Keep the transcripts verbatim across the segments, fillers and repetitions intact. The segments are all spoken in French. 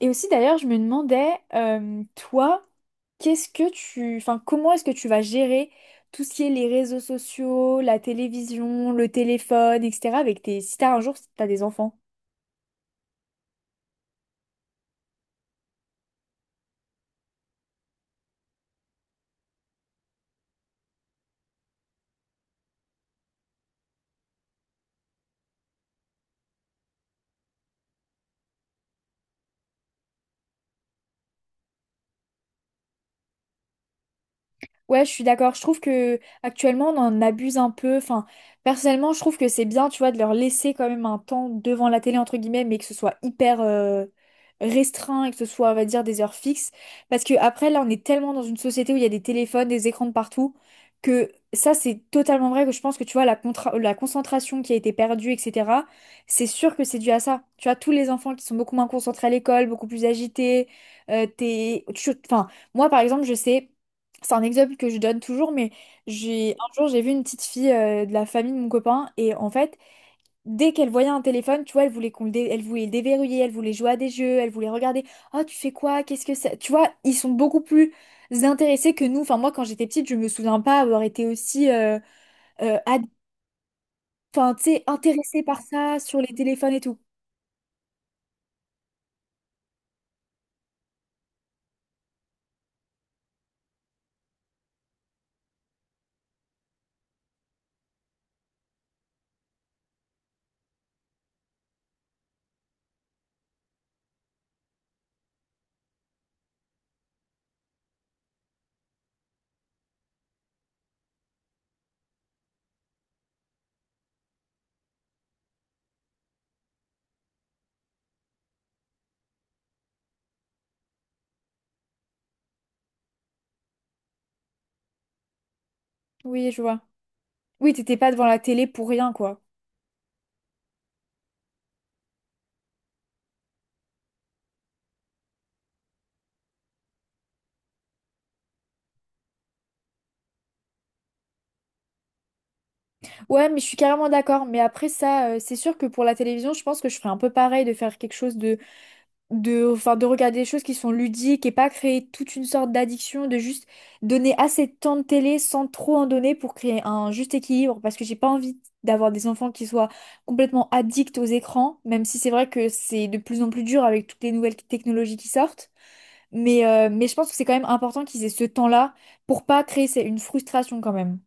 Et aussi d'ailleurs, je me demandais, euh, toi, qu'est-ce que tu, enfin, comment est-ce que tu vas gérer tout ce qui est les réseaux sociaux, la télévision, le téléphone, et cetera avec tes, si t'as un jour, si t'as des enfants. Ouais, je suis d'accord. Je trouve que actuellement on en abuse un peu. Enfin, personnellement, je trouve que c'est bien, tu vois, de leur laisser quand même un temps devant la télé entre guillemets, mais que ce soit hyper euh, restreint et que ce soit, on va dire, des heures fixes. Parce que après, là, on est tellement dans une société où il y a des téléphones, des écrans de partout, que ça, c'est totalement vrai que je pense que tu vois la contra- la concentration qui a été perdue, et cetera. C'est sûr que c'est dû à ça. Tu vois, tous les enfants qui sont beaucoup moins concentrés à l'école, beaucoup plus agités, euh, t'es, tu- enfin. Moi, par exemple, je sais. C'est un exemple que je donne toujours, mais j'ai un jour j'ai vu une petite fille euh, de la famille de mon copain et en fait dès qu'elle voyait un téléphone, tu vois, elle voulait qu'on le dé- elle voulait le déverrouiller, elle voulait jouer à des jeux, elle voulait regarder. Oh, tu fais quoi? Qu'est-ce que c'est? Tu vois, ils sont beaucoup plus intéressés que nous. Enfin moi quand j'étais petite, je me souviens pas avoir été aussi euh, euh, ad- enfin, tu sais, intéressée par ça sur les téléphones et tout. Oui, je vois. Oui, t'étais pas devant la télé pour rien, quoi. Ouais, mais je suis carrément d'accord. Mais après ça, euh, c'est sûr que pour la télévision, je pense que je ferais un peu pareil de faire quelque chose de de, enfin, de regarder des choses qui sont ludiques et pas créer toute une sorte d'addiction, de juste donner assez de temps de télé sans trop en donner pour créer un juste équilibre parce que j'ai pas envie d'avoir des enfants qui soient complètement addicts aux écrans, même si c'est vrai que c'est de plus en plus dur avec toutes les nouvelles technologies qui sortent. Mais, euh, mais je pense que c'est quand même important qu'ils aient ce temps-là pour pas créer c'est une frustration quand même.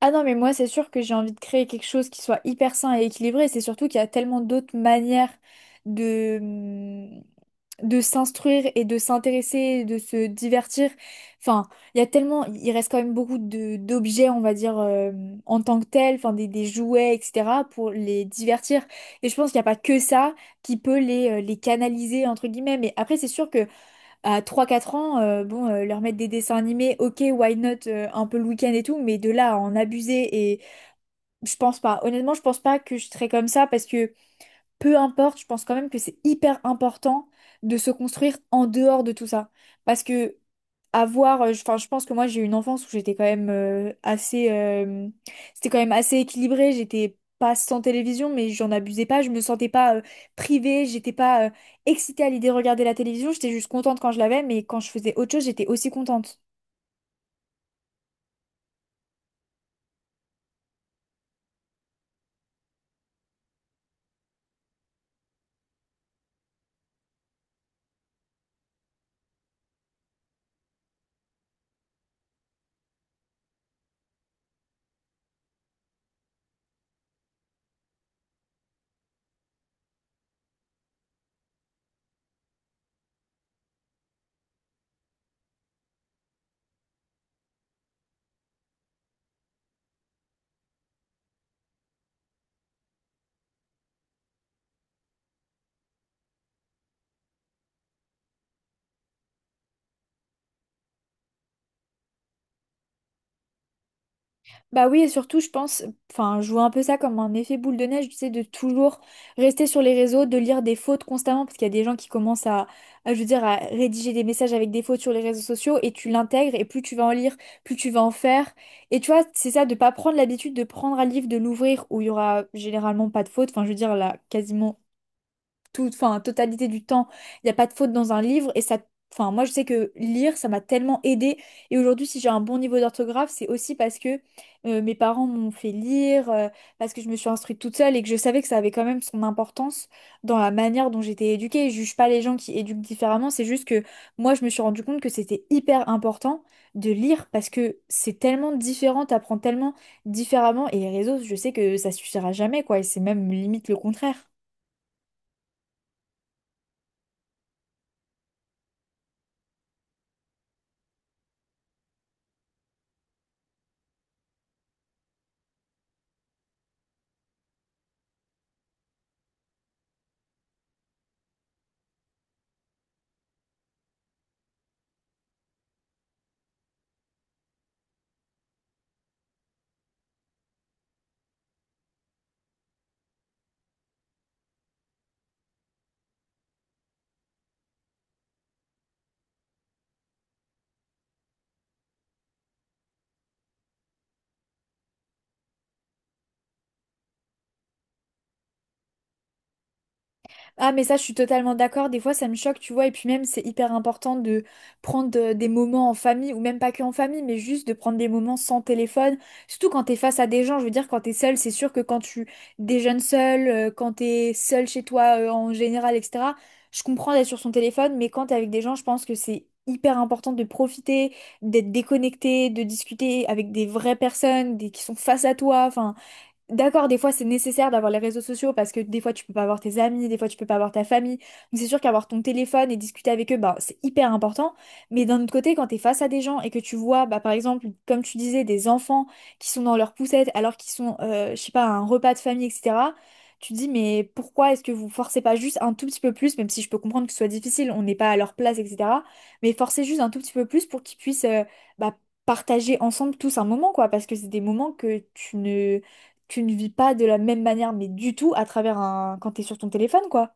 Ah non, mais moi, c'est sûr que j'ai envie de créer quelque chose qui soit hyper sain et équilibré. C'est surtout qu'il y a tellement d'autres manières de, de s'instruire et de s'intéresser, de se divertir. Enfin, il y a tellement, il reste quand même beaucoup de d'objets, on va dire, euh, en tant que tels, enfin des, des jouets, et cetera, pour les divertir. Et je pense qu'il n'y a pas que ça qui peut les, euh, les canaliser, entre guillemets. Mais après, c'est sûr que à trois quatre ans, euh, bon, euh, leur mettre des dessins animés, ok, why not, euh, un peu le week-end et tout, mais de là à en abuser, et je pense pas. Honnêtement, je pense pas que je serais comme ça parce que peu importe, je pense quand même que c'est hyper important de se construire en dehors de tout ça. Parce que avoir euh, je- enfin je pense que moi j'ai eu une enfance où j'étais quand même euh, assez euh, c'était quand même assez équilibré, j'étais pas sans télévision mais j'en abusais pas, je me sentais pas euh, privée, j'étais pas euh, excitée à l'idée de regarder la télévision, j'étais juste contente quand je l'avais, mais quand je faisais autre chose j'étais aussi contente. Bah oui, et surtout, je pense, enfin, je vois un peu ça comme un effet boule de neige, tu sais, de toujours rester sur les réseaux, de lire des fautes constamment, parce qu'il y a des gens qui commencent à, à, je veux dire, à rédiger des messages avec des fautes sur les réseaux sociaux, et tu l'intègres, et plus tu vas en lire, plus tu vas en faire. Et tu vois, c'est ça, de pas prendre l'habitude de prendre un livre, de l'ouvrir, où il y aura généralement pas de fautes, enfin, je veux dire, là, quasiment toute, enfin, totalité du temps, il n'y a pas de faute dans un livre et ça, enfin, moi je sais que lire, ça m'a tellement aidée et aujourd'hui si j'ai un bon niveau d'orthographe, c'est aussi parce que euh, mes parents m'ont fait lire, euh, parce que je me suis instruite toute seule et que je savais que ça avait quand même son importance dans la manière dont j'étais éduquée. Je juge pas les gens qui éduquent différemment, c'est juste que moi je me suis rendu compte que c'était hyper important de lire parce que c'est tellement différent, t'apprends tellement différemment et les réseaux, je sais que ça suffira jamais quoi et c'est même limite le contraire. Ah, mais ça, je suis totalement d'accord. Des fois, ça me choque, tu vois. Et puis même, c'est hyper important de prendre euh, des moments en famille, ou même pas que en famille, mais juste de prendre des moments sans téléphone. Surtout quand t'es face à des gens. Je veux dire, quand t'es seul, c'est sûr que quand tu déjeunes seul, euh, quand t'es seul chez toi, euh, en général, et cetera. Je comprends d'être sur son téléphone, mais quand t'es avec des gens, je pense que c'est hyper important de profiter, d'être déconnecté, de discuter avec des vraies personnes, des... qui sont face à toi. Enfin. D'accord, des fois c'est nécessaire d'avoir les réseaux sociaux parce que des fois tu peux pas avoir tes amis, des fois tu peux pas avoir ta famille. Donc c'est sûr qu'avoir ton téléphone et discuter avec eux, bah, c'est hyper important. Mais d'un autre côté, quand tu es face à des gens et que tu vois, bah, par exemple, comme tu disais, des enfants qui sont dans leur poussette alors qu'ils sont, euh, je sais pas, à un repas de famille, et cetera, tu te dis, mais pourquoi est-ce que vous forcez pas juste un tout petit peu plus, même si je peux comprendre que ce soit difficile, on n'est pas à leur place, et cetera. Mais forcez juste un tout petit peu plus pour qu'ils puissent euh, bah, partager ensemble tous un moment, quoi, parce que c'est des moments que tu ne tu ne vis pas de la même manière, mais du tout, à travers un... quand t'es sur ton téléphone, quoi.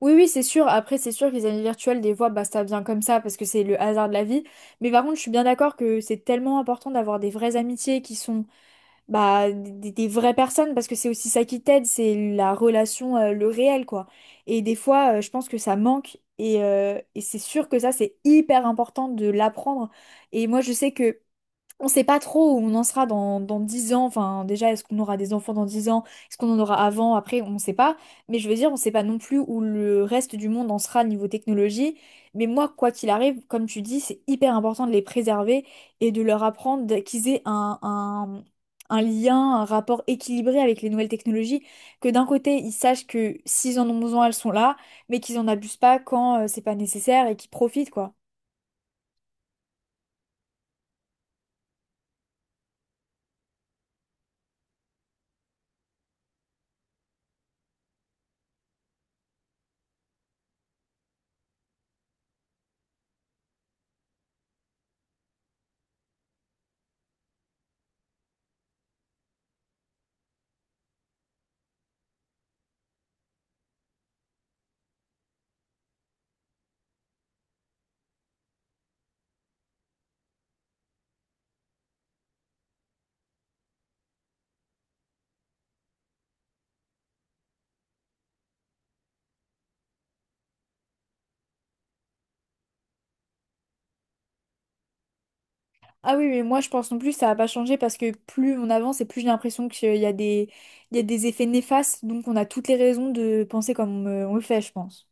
Oui, oui, c'est sûr. Après, c'est sûr que les amis virtuels, des fois, bah, ça vient comme ça parce que c'est le hasard de la vie. Mais par contre, je suis bien d'accord que c'est tellement important d'avoir des vraies amitiés qui sont bah, des, des vraies personnes parce que c'est aussi ça qui t'aide, c'est la relation, euh, le réel, quoi. Et des fois, euh, je pense que ça manque et, euh, et c'est sûr que ça, c'est hyper important de l'apprendre. Et moi, je sais que. On sait pas trop où on en sera dans, dans dix ans. Enfin, déjà, est-ce qu'on aura des enfants dans dix ans? Est-ce qu'on en aura avant? Après, on sait pas. Mais je veux dire, on sait pas non plus où le reste du monde en sera niveau technologie. Mais moi, quoi qu'il arrive, comme tu dis, c'est hyper important de les préserver et de leur apprendre d- qu'ils aient un, un, un lien, un rapport équilibré avec les nouvelles technologies. Que d'un côté, ils sachent que s'ils en ont besoin, elles sont là, mais qu'ils en abusent pas quand euh, c'est pas nécessaire et qu'ils profitent, quoi. Ah oui, mais moi je pense non plus ça va pas changer parce que plus on avance et plus j'ai l'impression qu'il y a des, il y a des effets néfastes, donc on a toutes les raisons de penser comme euh, on le fait, je pense.